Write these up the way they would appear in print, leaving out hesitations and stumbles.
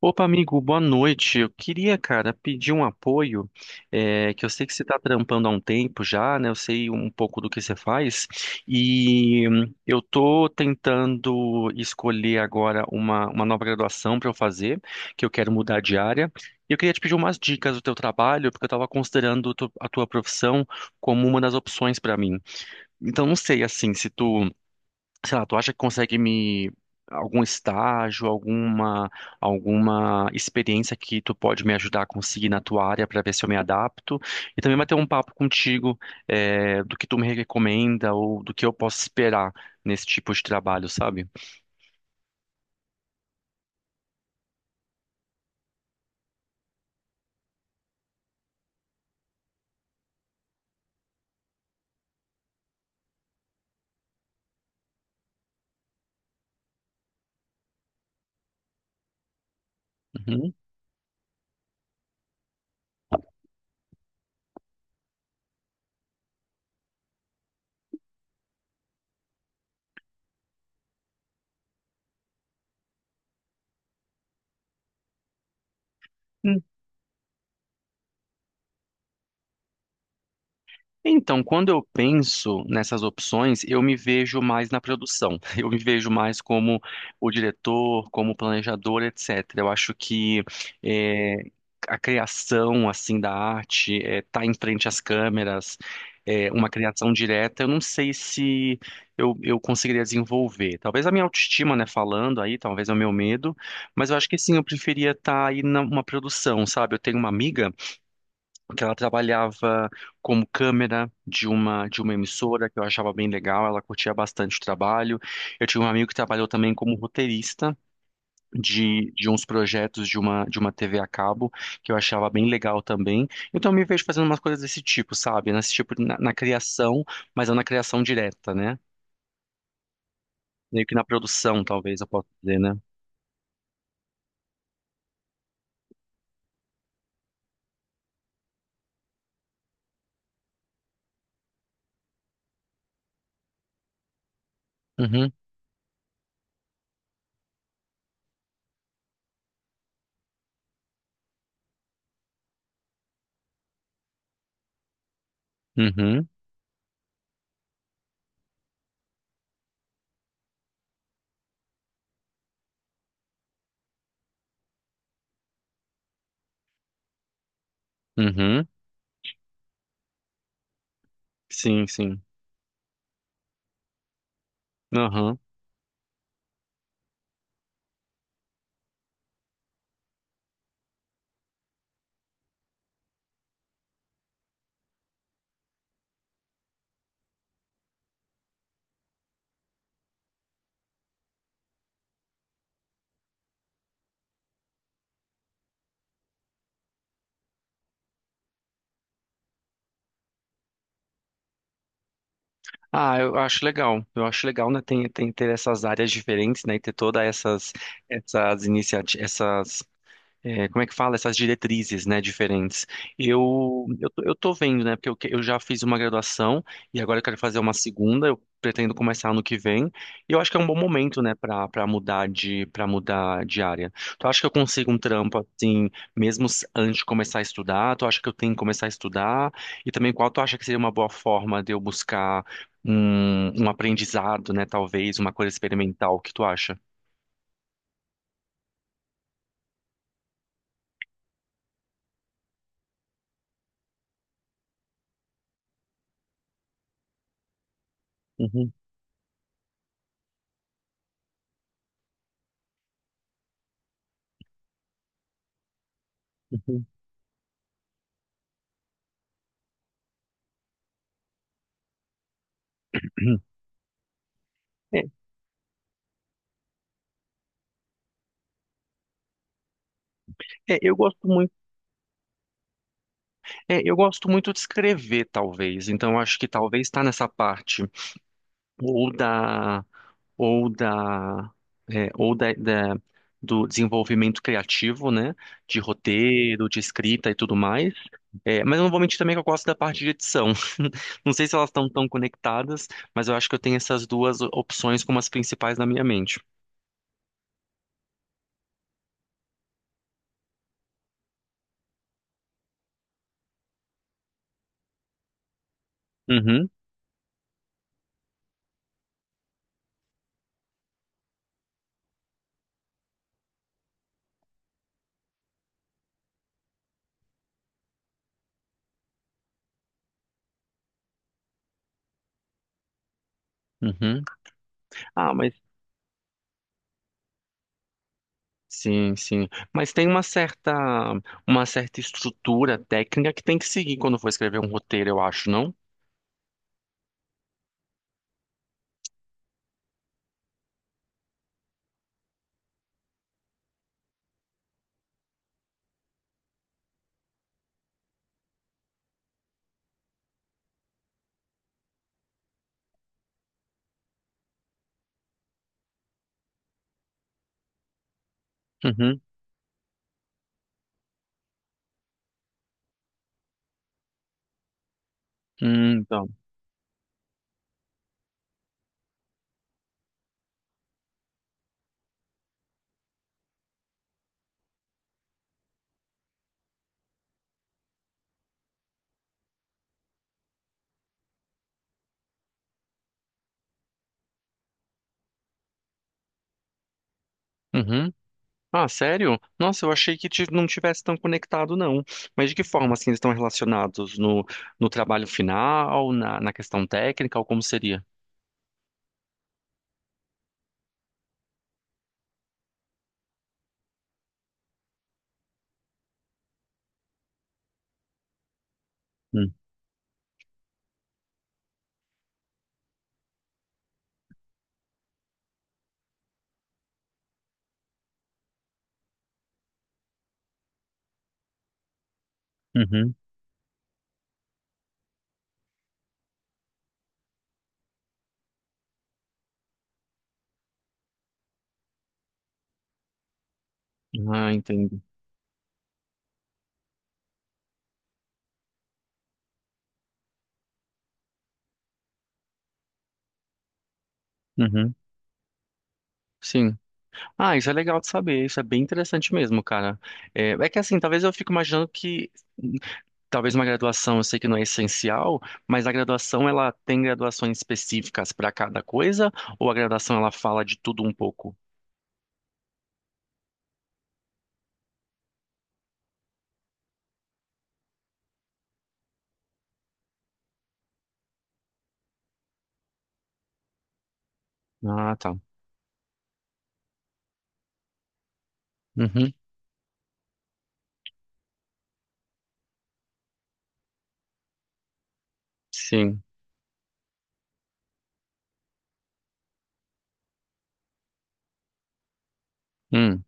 Opa, amigo, boa noite. Eu queria, cara, pedir um apoio, é, que eu sei que você está trampando há um tempo já, né? Eu sei um pouco do que você faz, e eu tô tentando escolher agora uma nova graduação para eu fazer, que eu quero mudar de área. E eu queria te pedir umas dicas do teu trabalho, porque eu estava considerando a tua profissão como uma das opções para mim. Então, não sei, assim, se tu sei lá, tu acha que consegue me algum estágio, alguma experiência que tu pode me ajudar a conseguir na tua área para ver se eu me adapto e também bater um papo contigo, do que tu me recomenda ou do que eu posso esperar nesse tipo de trabalho, sabe? Uhum. Então, quando eu penso nessas opções, eu me vejo mais na produção. Eu me vejo mais como o diretor, como o planejador, etc. Eu acho que, eh, a criação assim da arte, estar em frente às câmeras, uma criação direta, eu não sei se eu conseguiria desenvolver. Talvez a minha autoestima, né, falando aí, talvez é o meu medo, mas eu acho que sim, eu preferia estar aí numa produção, sabe? Eu tenho uma amiga que ela trabalhava como câmera de uma emissora que eu achava bem legal, ela curtia bastante o trabalho. Eu tinha um amigo que trabalhou também como roteirista de uns projetos de uma TV a cabo, que eu achava bem legal também. Então eu me vejo fazendo umas coisas desse tipo, sabe? Nesse tipo, na criação, mas não na criação direta, né? Meio que na produção, talvez eu possa dizer, né? Uhum, uhum, uhum. Sim, sim. Aham. Ah, eu acho legal. Eu acho legal, né? Tem ter essas áreas diferentes, né? E ter todas essas iniciativas, como é que fala, essas diretrizes, né, diferentes. Eu tô vendo, né, porque eu já fiz uma graduação e agora eu quero fazer uma segunda, eu pretendo começar ano que vem. E eu acho que é um bom momento, né, para mudar de área. Tu acha que eu consigo um trampo assim, mesmo antes de começar a estudar? Tu acha que eu tenho que começar a estudar? E também qual tu acha que seria uma boa forma de eu buscar um aprendizado, né, talvez uma coisa experimental? O que tu acha? Uhum, uhum. É, é, eu gosto muito É, eu gosto muito de escrever, talvez. Então, eu acho que talvez está nessa parte ou da ou da é, ou da, da- do desenvolvimento criativo, né? De roteiro, de escrita e tudo mais. É, mas eu não vou mentir também que eu gosto da parte de edição. Não sei se elas estão tão conectadas, mas eu acho que eu tenho essas duas opções como as principais na minha mente. Uhum, uhum. Ah, mas Sim, sim. Mas tem uma certa estrutura técnica que tem que seguir quando for escrever um roteiro, eu acho, não? Uhum. Então. Uhum. Ah, sério? Nossa, eu achei que não tivesse tão conectado, não. Mas de que forma, assim, eles estão relacionados no trabalho final, na questão técnica, ou como seria? Hum, Uhum. Ah, entendi. Uhum. Sim. Ah, isso é legal de saber. Isso é bem interessante mesmo, cara. É que assim, talvez eu fique imaginando que talvez uma graduação, eu sei que não é essencial, mas a graduação ela tem graduações específicas para cada coisa, ou a graduação ela fala de tudo um pouco? Ah, tá. Uhum. Sim. Hum.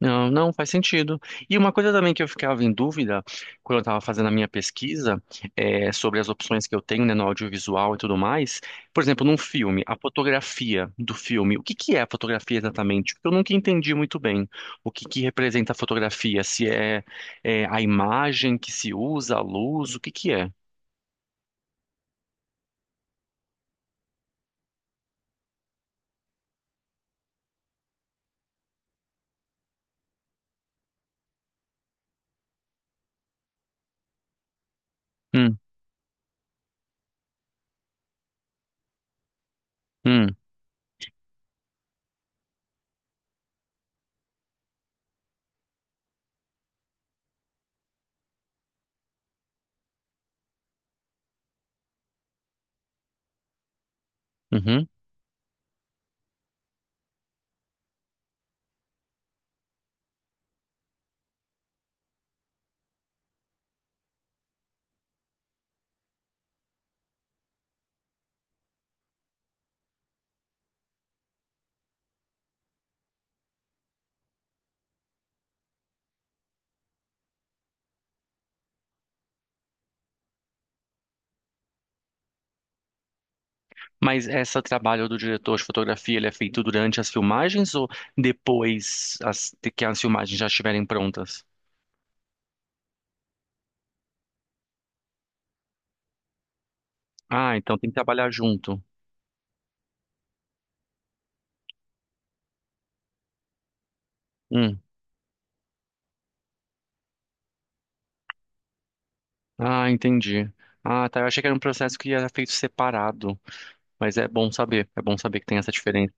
Não, não faz sentido. E uma coisa também que eu ficava em dúvida quando eu estava fazendo a minha pesquisa, sobre as opções que eu tenho, né, no audiovisual e tudo mais. Por exemplo, num filme, a fotografia do filme. O que que é a fotografia exatamente? Porque eu nunca entendi muito bem o que que representa a fotografia. Se é, a imagem que se usa, a luz, o que que é? Hum, hum, uhum. Mas esse trabalho do diretor de fotografia, ele é feito durante as filmagens ou depois que as filmagens já estiverem prontas? Ah, então tem que trabalhar junto. Hum. Ah, entendi. Ah, tá. Eu achei que era um processo que era feito separado, mas é bom saber. É bom saber que tem essa diferença.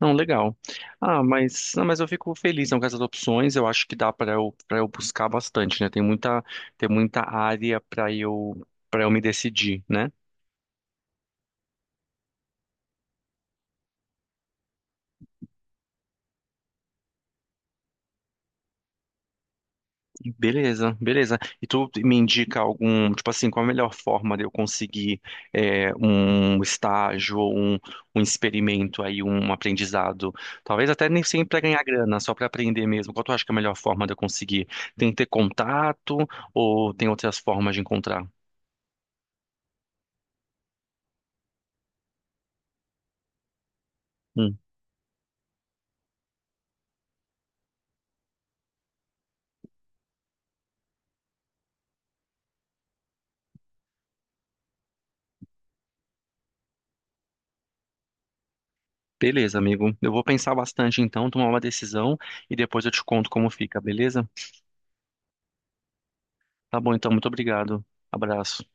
Não, legal. Ah, mas, não, mas eu fico feliz, não, com essas opções. Eu acho que dá para eu buscar bastante, né? Tem muita área para eu me decidir, né? Beleza, beleza. E tu me indica algum, tipo assim, qual a melhor forma de eu conseguir, um estágio, ou um experimento aí, um aprendizado? Talvez até nem sempre para ganhar grana, só para aprender mesmo. Qual tu acha que é a melhor forma de eu conseguir? Tem que ter contato ou tem outras formas de encontrar? Hum, Beleza, amigo. Eu vou pensar bastante então, tomar uma decisão e depois eu te conto como fica, beleza? Tá bom, então, muito obrigado. Abraço.